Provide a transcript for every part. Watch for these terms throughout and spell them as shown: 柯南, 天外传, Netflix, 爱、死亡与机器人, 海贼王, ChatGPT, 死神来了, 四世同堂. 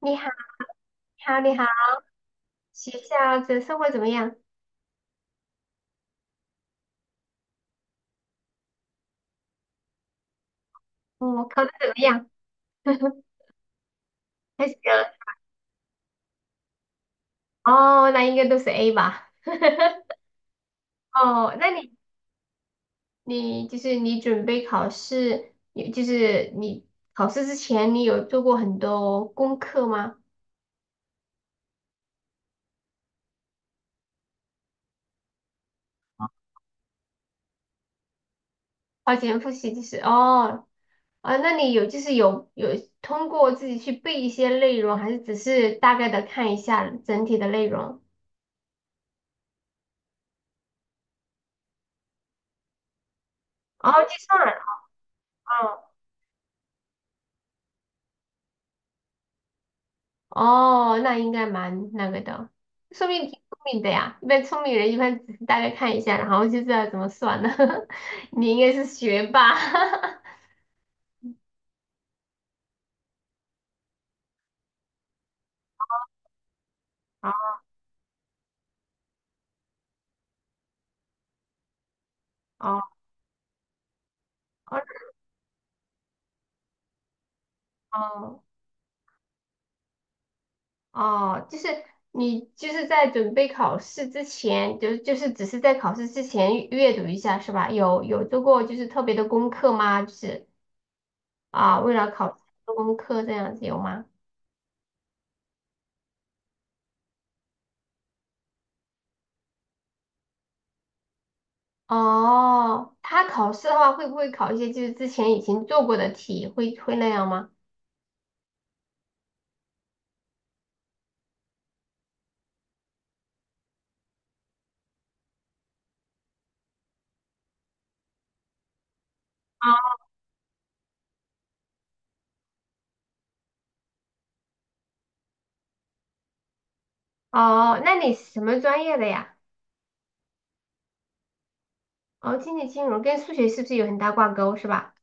你好，你好，你好，学校的生活怎么样？考的怎么样？还行啊。哦，那应该都是 A 吧。哦，那你你准备考试，你就是你考试之前，你有做过很多功课吗？花钱复习就是哦。啊，那你有就是有有通过自己去背一些内容，还是只是大概的看一下整体的内容？哦，计算了。哦。哦，那应该蛮那个的，说明你挺聪明的呀。一般聪明人一般只是大概看一下，然后就知道怎么算了。你应该是学霸。哦哦哦哦，就是你就是在准备考试之前，就是只是在考试之前阅读一下是吧？有做过就是特别的功课吗？就是啊，为了考试做功课这样子有吗？哦，他考试的话会不会考一些就是之前已经做过的题，会那样吗？哦，那你是什么专业的呀？哦，经济金融跟数学是不是有很大挂钩，是吧？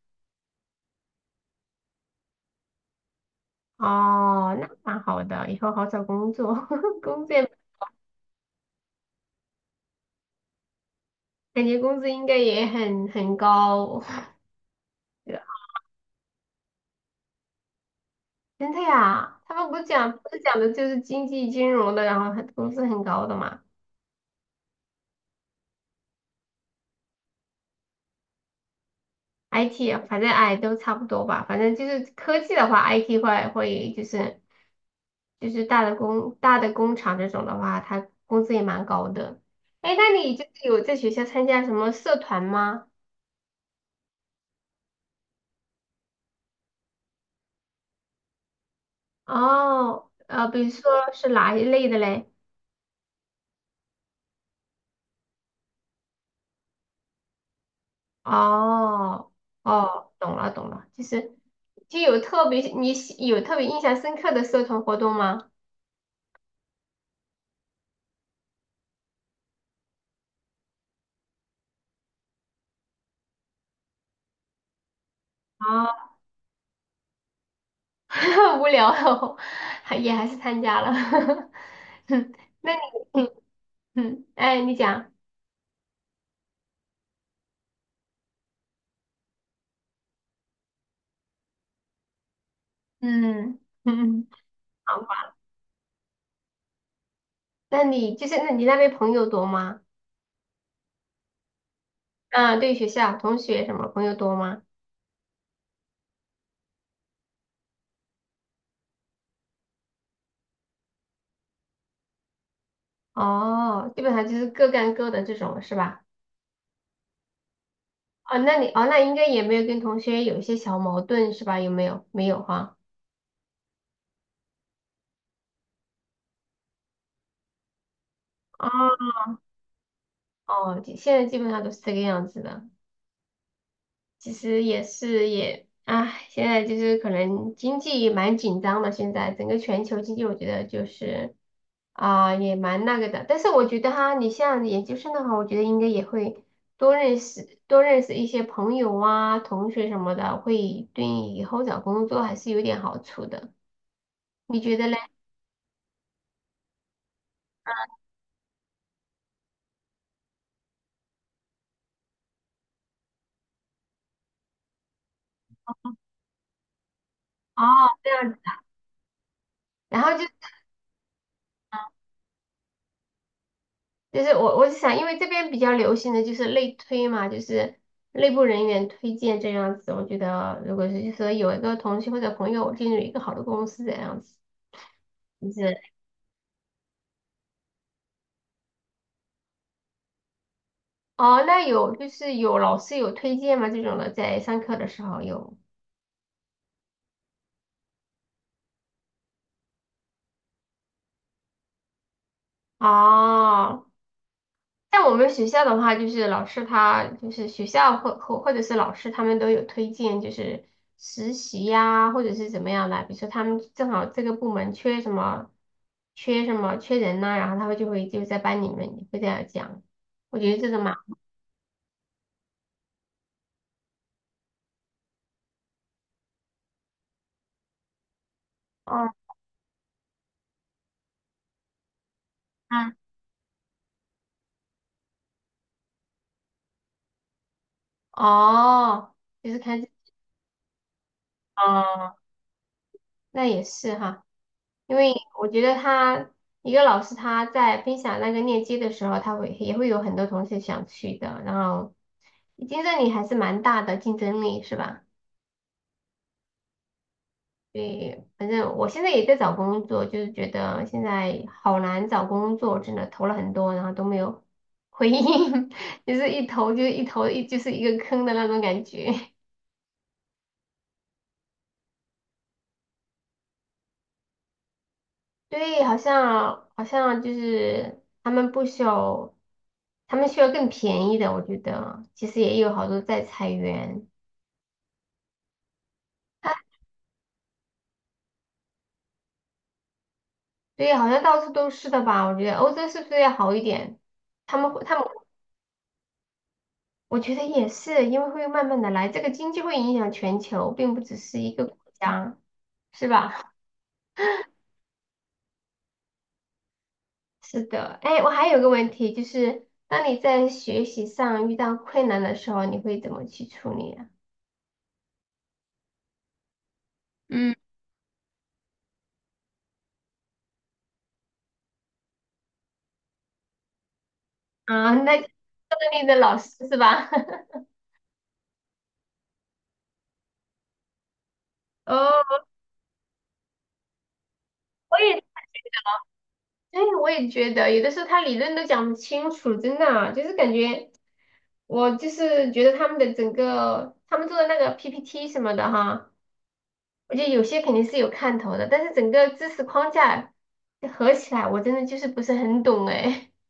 哦，那蛮好的，以后好找工作。工作也感觉工资应该也很高。对啊。真的呀，他们不是讲的就是经济金融的，然后很工资很高的嘛。IT 啊反正哎都差不多吧，反正就是科技的话，IT 会就是大的大的工厂这种的话，它工资也蛮高的。哎，那你就是有在学校参加什么社团吗？哦，呃，比如说是哪一类的嘞？哦哦。懂了，就是就有特别你喜有特别印象深刻的社团活动吗？啊，无聊了 还也还是参加了。那你？嗯，哎，你讲。嗯。嗯，好吧。那你就是那你那边朋友多吗？啊，对学校同学什么朋友多吗？哦，基本上就是各干各的这种是吧？哦，那你。哦，那应该也没有跟同学有一些小矛盾是吧？有没有？没有哈。哦。哦，现在基本上都是这个样子的。其实也是也，唉，现在就是可能经济也蛮紧张的，现在整个全球经济，我觉得就是啊、也蛮那个的。但是我觉得哈，你像研究生的话，我觉得应该也会多认识一些朋友啊、同学什么的，会对以后找工作还是有点好处的。你觉得嘞？哦，这样子。然后就就是我是想，因为这边比较流行的就是内推嘛，就是内部人员推荐这样子。我觉得如果是就是说有一个同学或者朋友进入一个好的公司这样子，就是哦，那有就是有老师有推荐吗？这种的在上课的时候有。哦，像我们学校的话，就是老师他就是学校或者是老师他们都有推荐，就是实习呀、或者是怎么样的。比如说他们正好这个部门缺什么，缺人呐、然后他们就会就在班里面会这样讲。我觉得这个嘛。哦。嗯。哦，就是看这。哦，那也是哈。因为我觉得他一个老师他在分享那个链接的时候，他会也会有很多同学想去的，然后竞争力还是蛮大的，竞争力是吧？对，反正我现在也在找工作，就是觉得现在好难找工作，真的投了很多，然后都没有回应。就是一投就一投一就是一个坑的那种感觉。对，好像就是他们不需要，他们需要更便宜的，我觉得其实也有好多在裁员。对，好像到处都是的吧？我觉得欧洲是不是要好一点？他们会，他们我觉得也是，因为会慢慢的来，这个经济会影响全球，并不只是一个国家，是吧？是的，哎，我还有个问题，就是当你在学习上遇到困难的时候，你会怎么去处理啊？嗯。啊，那这里的老师是吧？哦，我也。对，我也觉得有的时候他理论都讲不清楚，真的啊，就是感觉我就是觉得他们做的那个 PPT 什么的哈，我觉得有些肯定是有看头的，但是整个知识框架合起来，我真的就是不是很懂哎。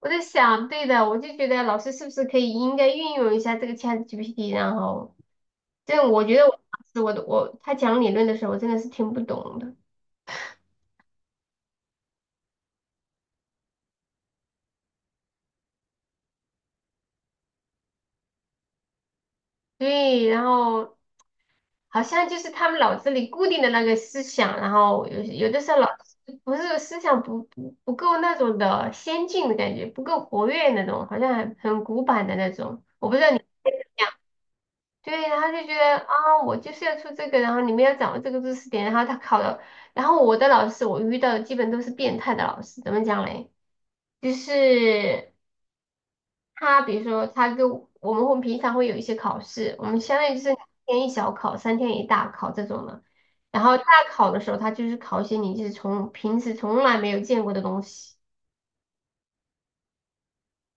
我在想，对的，我就觉得老师是不是可以应该运用一下这个 ChatGPT,然后，这样我觉得我当时我的我他讲理论的时候，我真的是听不懂的。对，然后好像就是他们脑子里固定的那个思想，然后有的时候老子不是思想不够那种的先进的感觉，不够活跃那种，好像很古板的那种。我不知道你。对，然后就觉得啊、我就是要出这个，然后你们要掌握这个知识点，然后他考了，然后我的老师我遇到的基本都是变态的老师，怎么讲嘞？就是他比如说他跟我我们会平常会有一些考试，我们相当于就是两天一小考，三天一大考这种的。然后大考的时候，他就是考一些你就是从平时从来没有见过的东西，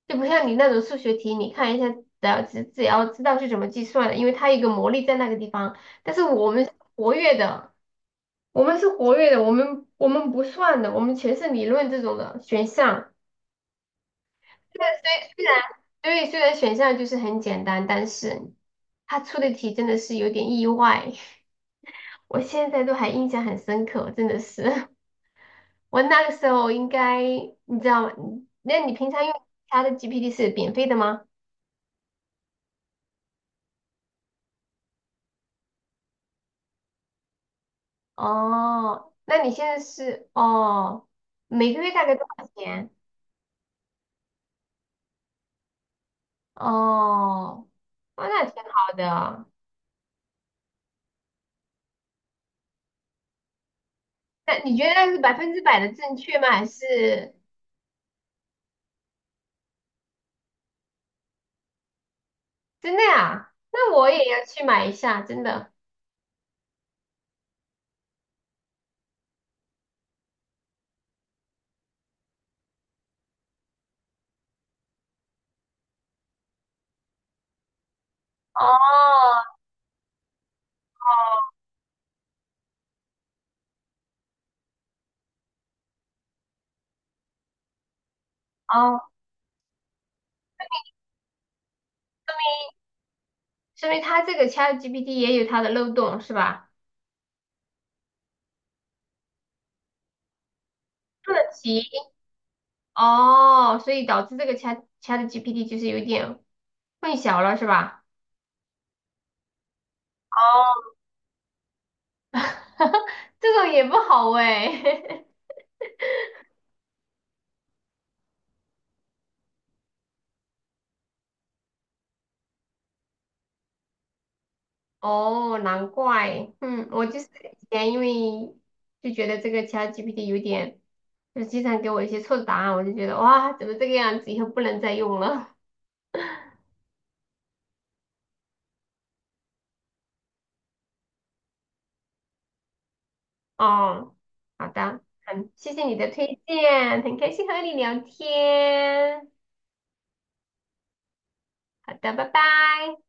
就不像你那种数学题，你看一下，只要知道是怎么计算的，因为它有一个魔力在那个地方。但是我们是活跃的，我们不算的，我们全是理论这种的选项。对，所以虽然对，所以虽然选项就是很简单，但是他出的题真的是有点意外。我现在都还印象很深刻，真的是。我那个时候应该，你知道吗？那你平常用他的 GPT 是免费的吗？哦，那你现在是哦，每个月大概多少钱？哦。哦，那挺好的。那你觉得那是百分之百的正确吗？还是真的呀？那我也要去买一下，真的。哦。哦，说明它这个 ChatGPT 也有它的漏洞是吧？出了题。哦，所以导致这个 ChatGPT 就是有点混淆了是吧？哦，这种也不好哎。哦，难怪。嗯，我就是以前因为就觉得这个 ChatGPT 有点，就是经常给我一些错的答案，我就觉得哇，怎么这个样子，以后不能再用了。哦，好的，很谢谢你的推荐，很开心和你聊天。好的，拜拜。